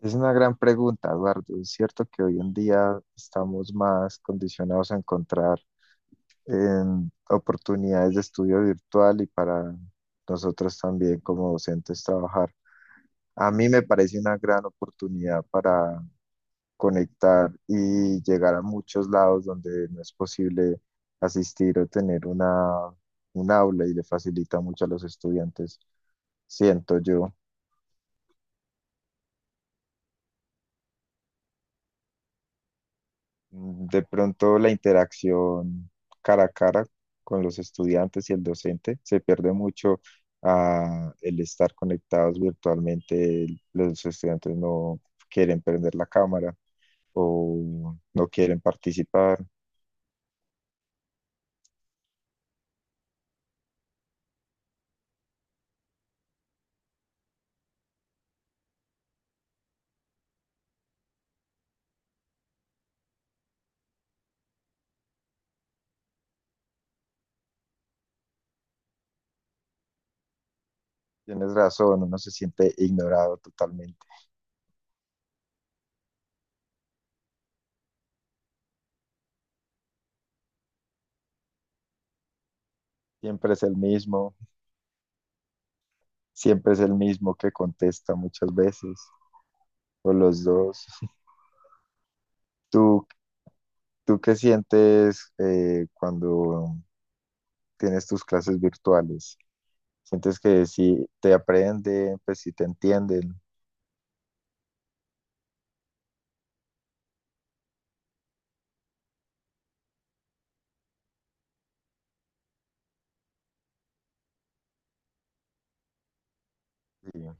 Es una gran pregunta, Eduardo. Es cierto que hoy en día estamos más condicionados a encontrar oportunidades de estudio virtual y para nosotros también como docentes trabajar. A mí me parece una gran oportunidad para conectar y llegar a muchos lados donde no es posible asistir o tener una, un aula y le facilita mucho a los estudiantes, siento yo. De pronto la interacción cara a cara con los estudiantes y el docente se pierde mucho el estar conectados virtualmente. Los estudiantes no quieren prender la cámara o no quieren participar. Tienes razón, uno se siente ignorado totalmente. Siempre es el mismo, siempre es el mismo que contesta muchas veces, o los dos. ¿Tú, tú qué sientes cuando tienes tus clases virtuales? ¿Sientes que sí te aprenden, pues sí te entienden? Y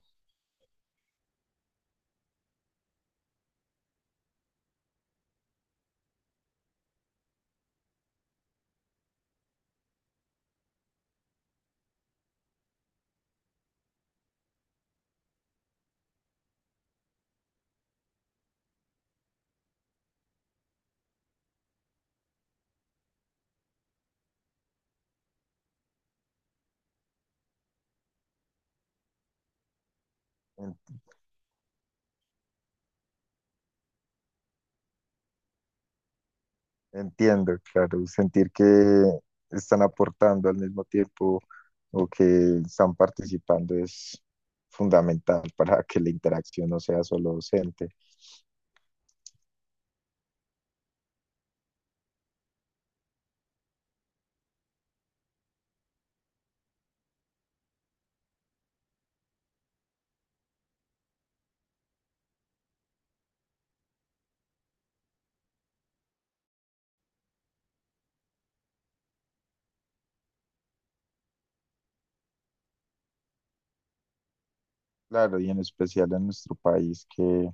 en- entiendo, claro, sentir que están aportando al mismo tiempo o que están participando es fundamental para que la interacción no sea solo docente. Claro, y en especial en nuestro país que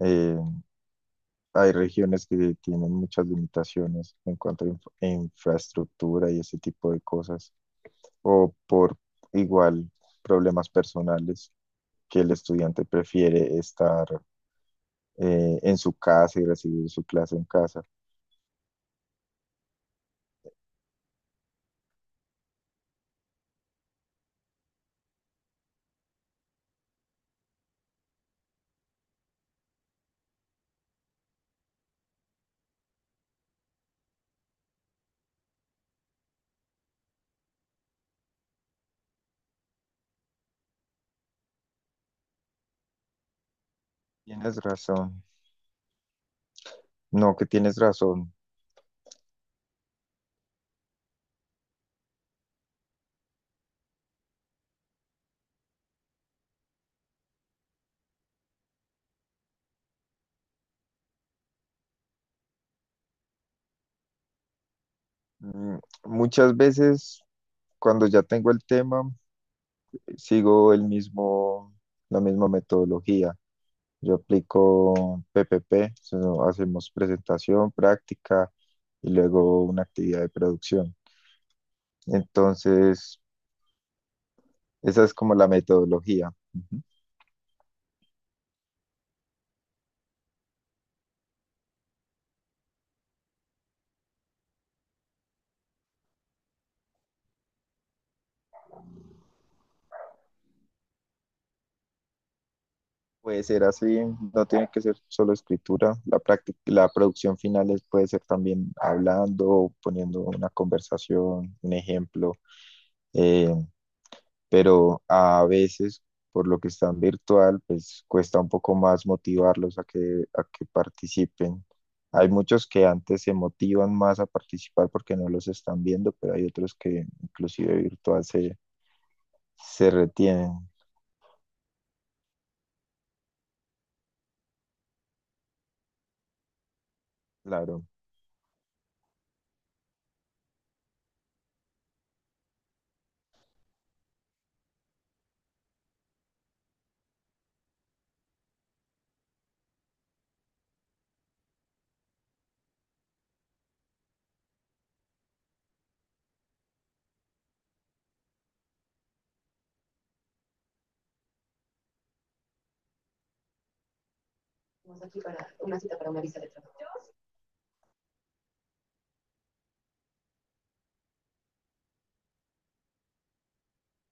eh, hay regiones que tienen muchas limitaciones en cuanto a infraestructura y ese tipo de cosas, o por igual problemas personales que el estudiante prefiere estar en su casa y recibir su clase en casa. Tienes razón. No, que tienes razón. Mm, Muchas veces cuando ya tengo el tema, sigo el mismo, la misma metodología. Yo aplico PPP, so, hacemos presentación, práctica y luego una actividad de producción. Entonces, esa es como la metodología. Ujú. Puede ser así, no tiene que ser solo escritura. La práctica, la producción final puede ser también hablando, poniendo una conversación, un ejemplo. eh, pero a veces, por lo que están virtual, pues cuesta un poco más motivarlos a que participen. Hay muchos que antes se motivan más a participar porque no los están viendo, pero hay otros que inclusive virtual se, se retienen. Claro.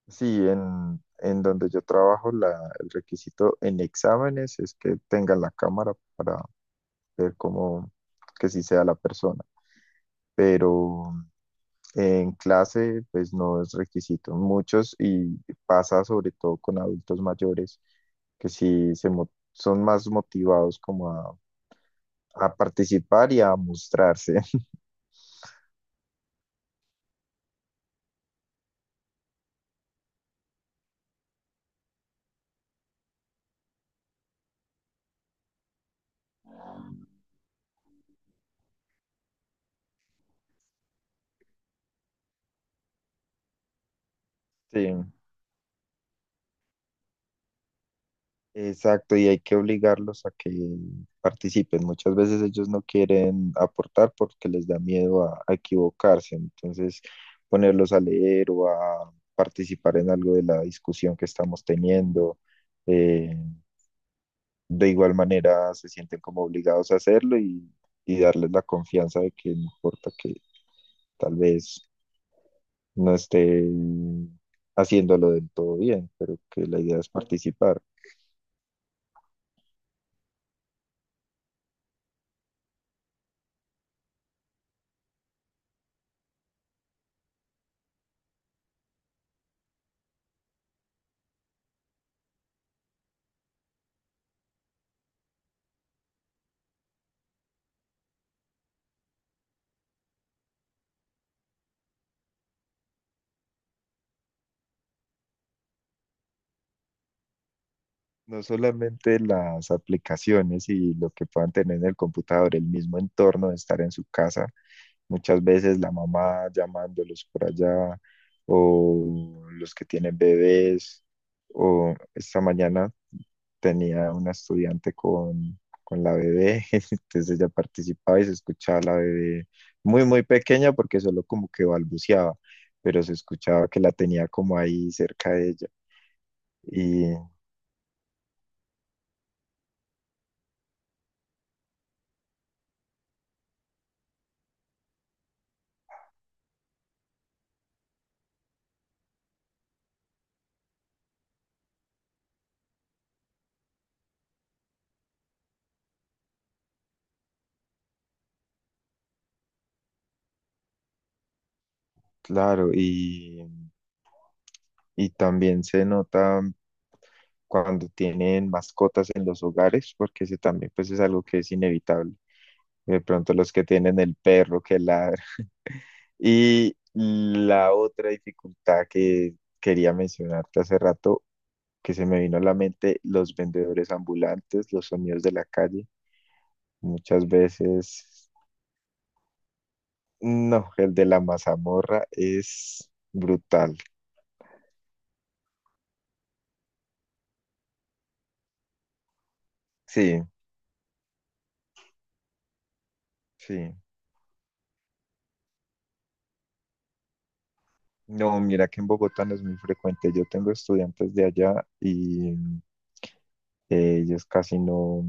Sí, en donde yo trabajo, la, el requisito en exámenes es que tengan la cámara para ver cómo, que sí sea la persona. Pero en clase, pues no es requisito. Muchos, y pasa sobre todo con adultos mayores, que sí se son más motivados como a participar y a mostrarse. Sí, exacto, y hay que obligarlos a que participen. Muchas veces ellos no quieren aportar porque les da miedo a equivocarse. Entonces, ponerlos a leer o a participar en algo de la discusión que estamos teniendo. eh, de igual manera se sienten como obligados a hacerlo y darles la confianza de que no importa que tal vez no esté haciéndolo del todo bien, pero que la idea es participar. No solamente las aplicaciones y lo que puedan tener en el computador, el mismo entorno de estar en su casa, muchas veces la mamá llamándolos por allá o los que tienen bebés o esta mañana tenía una estudiante con la bebé, entonces ella participaba y se escuchaba la bebé muy, muy pequeña porque solo como que balbuceaba, pero se escuchaba que la tenía como ahí cerca de ella. Y claro, y también se nota cuando tienen mascotas en los hogares, porque ese también pues es algo que es inevitable. De pronto los que tienen el perro que ladra. Y la otra dificultad que quería mencionarte hace rato, que se me vino a la mente, los vendedores ambulantes, los sonidos de la calle. Muchas veces, no, el de la mazamorra es brutal. Sí, sí. No, mira que en Bogotá no es muy frecuente. Yo tengo estudiantes de allá y ellos casi no.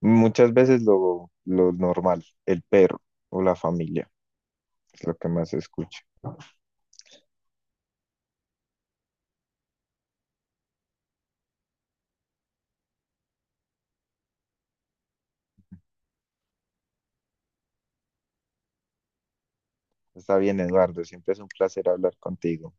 Muchas veces lo normal, el perro o la familia, es lo que más se escucha. Está bien, Eduardo, siempre es un placer hablar contigo.